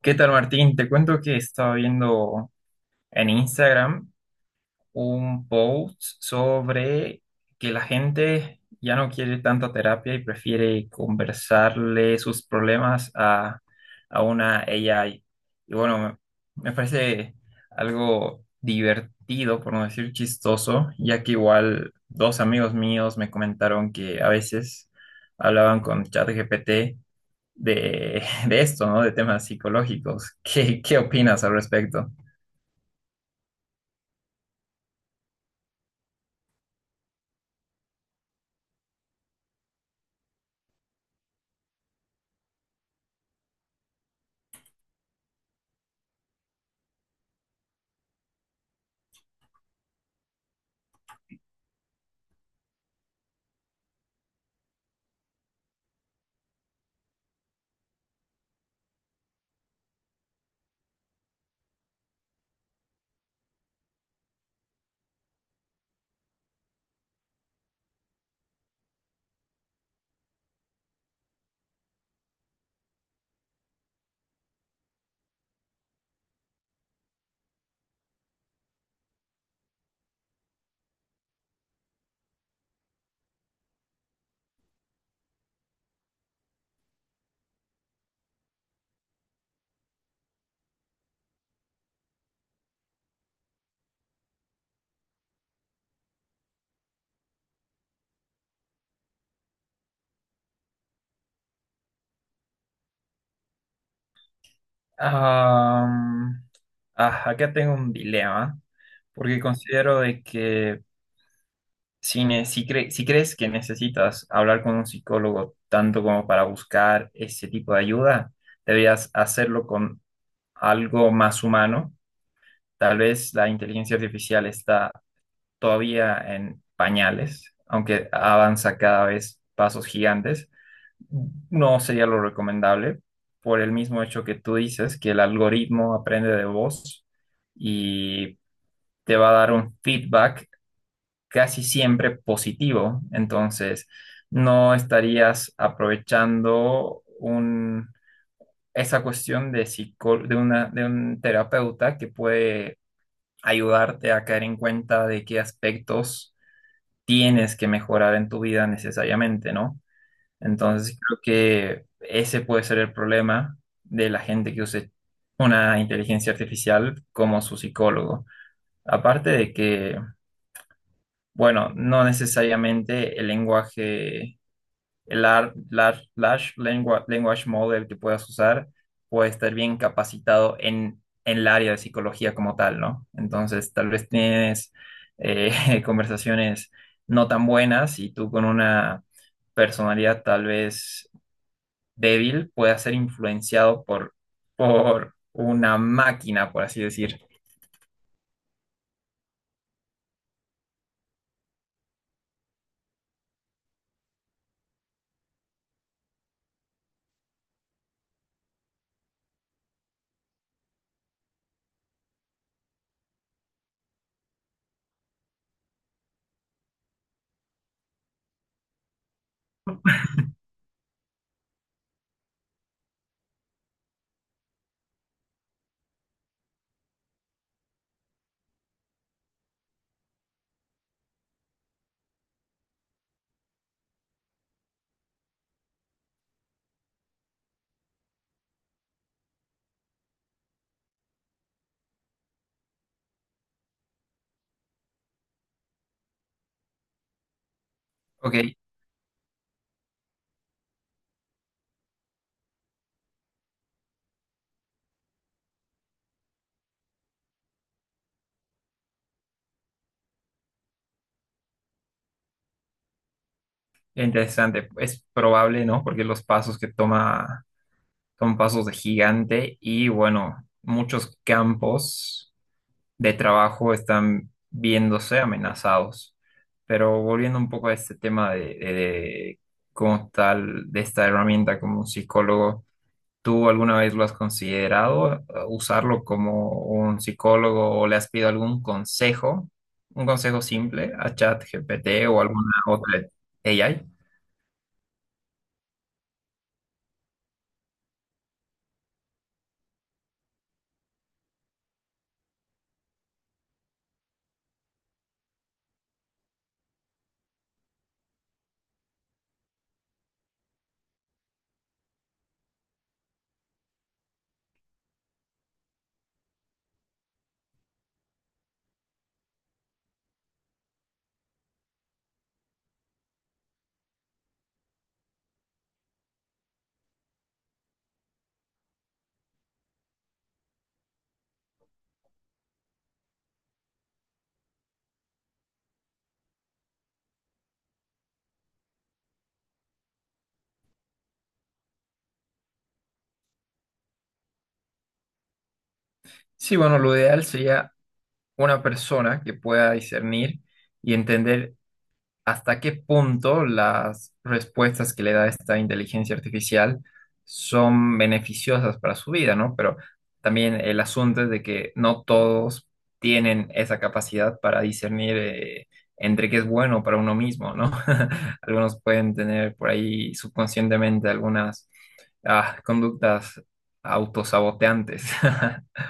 ¿Qué tal, Martín? Te cuento que estaba viendo en Instagram un post sobre que la gente ya no quiere tanta terapia y prefiere conversarle sus problemas a una AI. Y bueno, me parece algo divertido, por no decir chistoso, ya que igual dos amigos míos me comentaron que a veces hablaban con ChatGPT de, de esto, ¿no? De temas psicológicos. ¿Qué opinas al respecto? Am, Acá tengo un dilema, porque considero de que si crees que necesitas hablar con un psicólogo tanto como para buscar ese tipo de ayuda, deberías hacerlo con algo más humano. Tal vez la inteligencia artificial está todavía en pañales, aunque avanza cada vez pasos gigantes. No sería lo recomendable por el mismo hecho que tú dices, que el algoritmo aprende de vos y te va a dar un feedback casi siempre positivo. Entonces, no estarías aprovechando esa cuestión de, psico- de, una, de un terapeuta que puede ayudarte a caer en cuenta de qué aspectos tienes que mejorar en tu vida necesariamente, ¿no? Entonces creo que ese puede ser el problema de la gente que use una inteligencia artificial como su psicólogo. Aparte de que, bueno, no necesariamente el lenguaje, el large, language model que puedas usar puede estar bien capacitado en el área de psicología como tal, ¿no? Entonces tal vez tienes conversaciones no tan buenas y tú con una personalidad tal vez débil pueda ser influenciado por una máquina, por así decir. Ok, interesante. Es probable, ¿no? Porque los pasos que toma son pasos de gigante y bueno, muchos campos de trabajo están viéndose amenazados. Pero volviendo un poco a este tema de cómo tal, de esta herramienta como un psicólogo. ¿Tú alguna vez lo has considerado usarlo como un psicólogo o le has pedido algún consejo, un consejo simple a ChatGPT o alguna otra AI? Sí, bueno, lo ideal sería una persona que pueda discernir y entender hasta qué punto las respuestas que le da esta inteligencia artificial son beneficiosas para su vida, ¿no? Pero también el asunto es de que no todos tienen esa capacidad para discernir entre qué es bueno para uno mismo, ¿no? Algunos pueden tener por ahí subconscientemente algunas conductas autosaboteantes.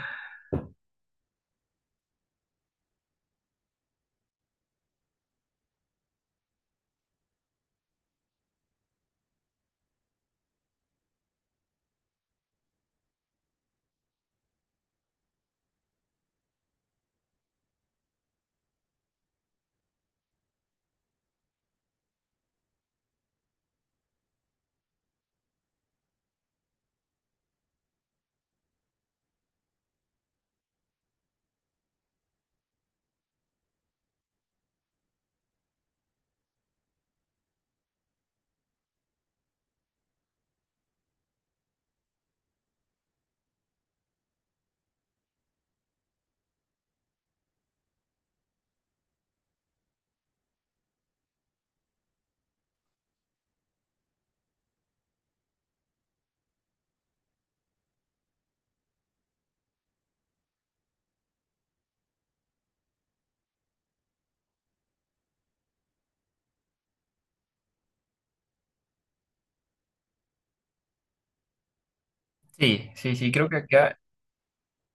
Sí, sí, sí, creo que acá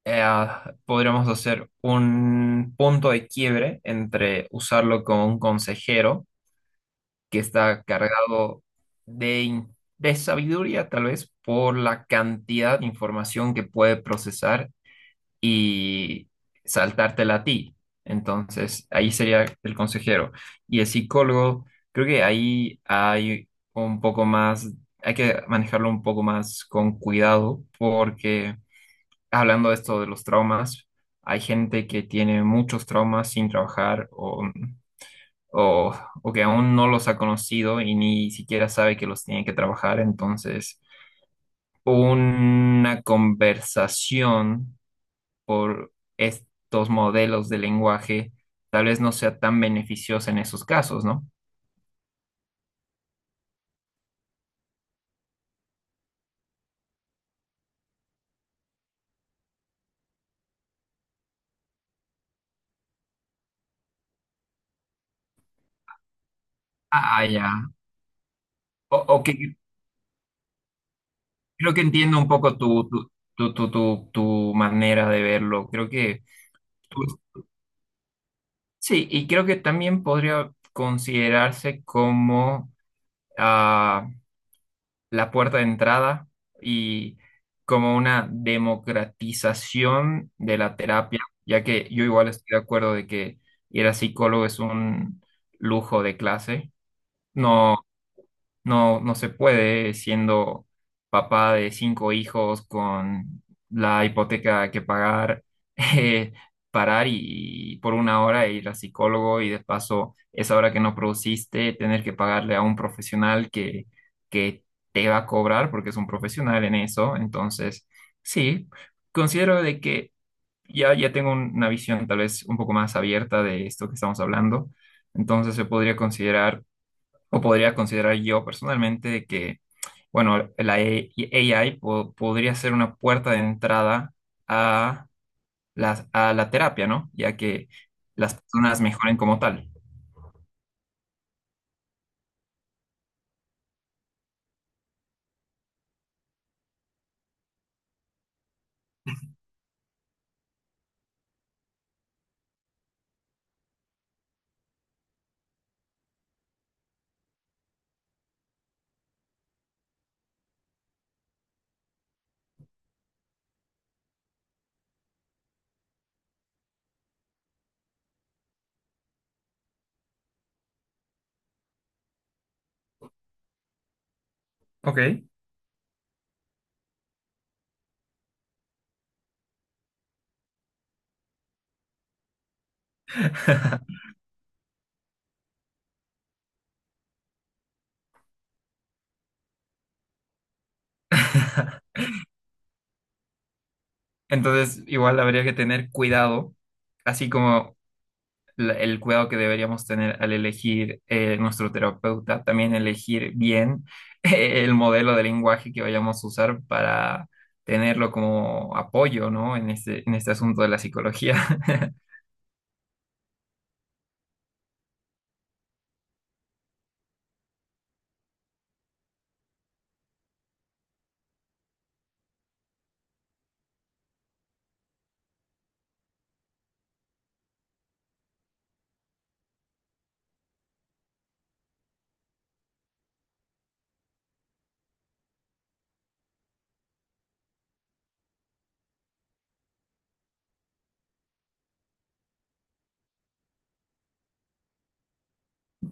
eh, podríamos hacer un punto de quiebre entre usarlo como un consejero que está cargado de sabiduría, tal vez por la cantidad de información que puede procesar y saltártela a ti. Entonces, ahí sería el consejero. Y el psicólogo, creo que ahí hay un poco más, hay que manejarlo un poco más con cuidado porque hablando de esto de los traumas, hay gente que tiene muchos traumas sin trabajar o, o que aún no los ha conocido y ni siquiera sabe que los tiene que trabajar. Entonces, una conversación por estos modelos de lenguaje tal vez no sea tan beneficiosa en esos casos, ¿no? Ah, ya. O que creo que entiendo un poco tu manera de verlo. Creo que tú sí, y creo que también podría considerarse como ah, la puerta de entrada y como una democratización de la terapia, ya que yo igual estoy de acuerdo de que ir a psicólogo es un lujo de clase. No no, no se puede siendo papá de 5 hijos con la hipoteca que pagar, eh, parar y por una hora ir al psicólogo y de paso esa hora que no produciste tener que pagarle a un profesional que te va a cobrar porque es un profesional en eso. Entonces, sí, considero de que ya tengo una visión tal vez un poco más abierta de esto que estamos hablando. Entonces se podría considerar o podría considerar yo personalmente de que, bueno, la AI podría ser una puerta de entrada a a la terapia, ¿no? Ya que las personas mejoren como tal. Ok. Entonces, igual habría que tener cuidado, así como el cuidado que deberíamos tener al elegir nuestro terapeuta, también elegir bien el modelo de lenguaje que vayamos a usar para tenerlo como apoyo, ¿no? En este asunto de la psicología.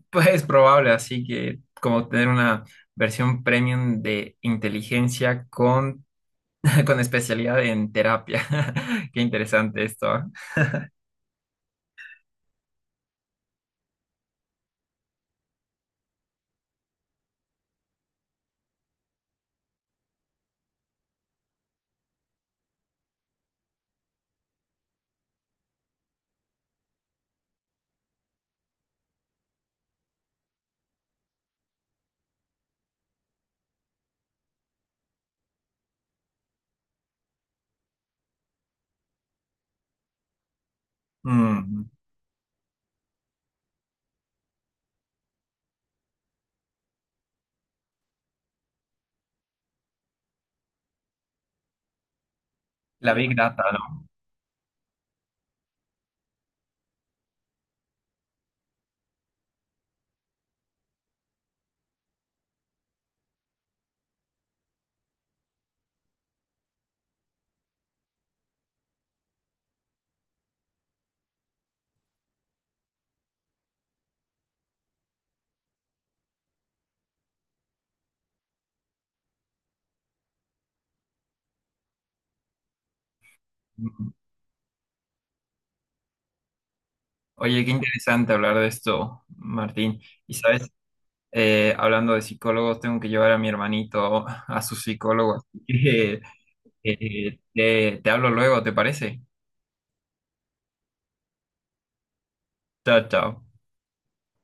Pues es probable, así que como tener una versión premium de inteligencia con, con especialidad en terapia. Qué interesante esto, ¿eh? Mm, la Big Data, ¿no? Mm. Oye, qué interesante hablar de esto, Martín. Y sabes, eh, hablando de psicólogos, tengo que llevar a mi hermanito a su psicólogo. Así que te hablo luego, ¿te parece? Chao, chao.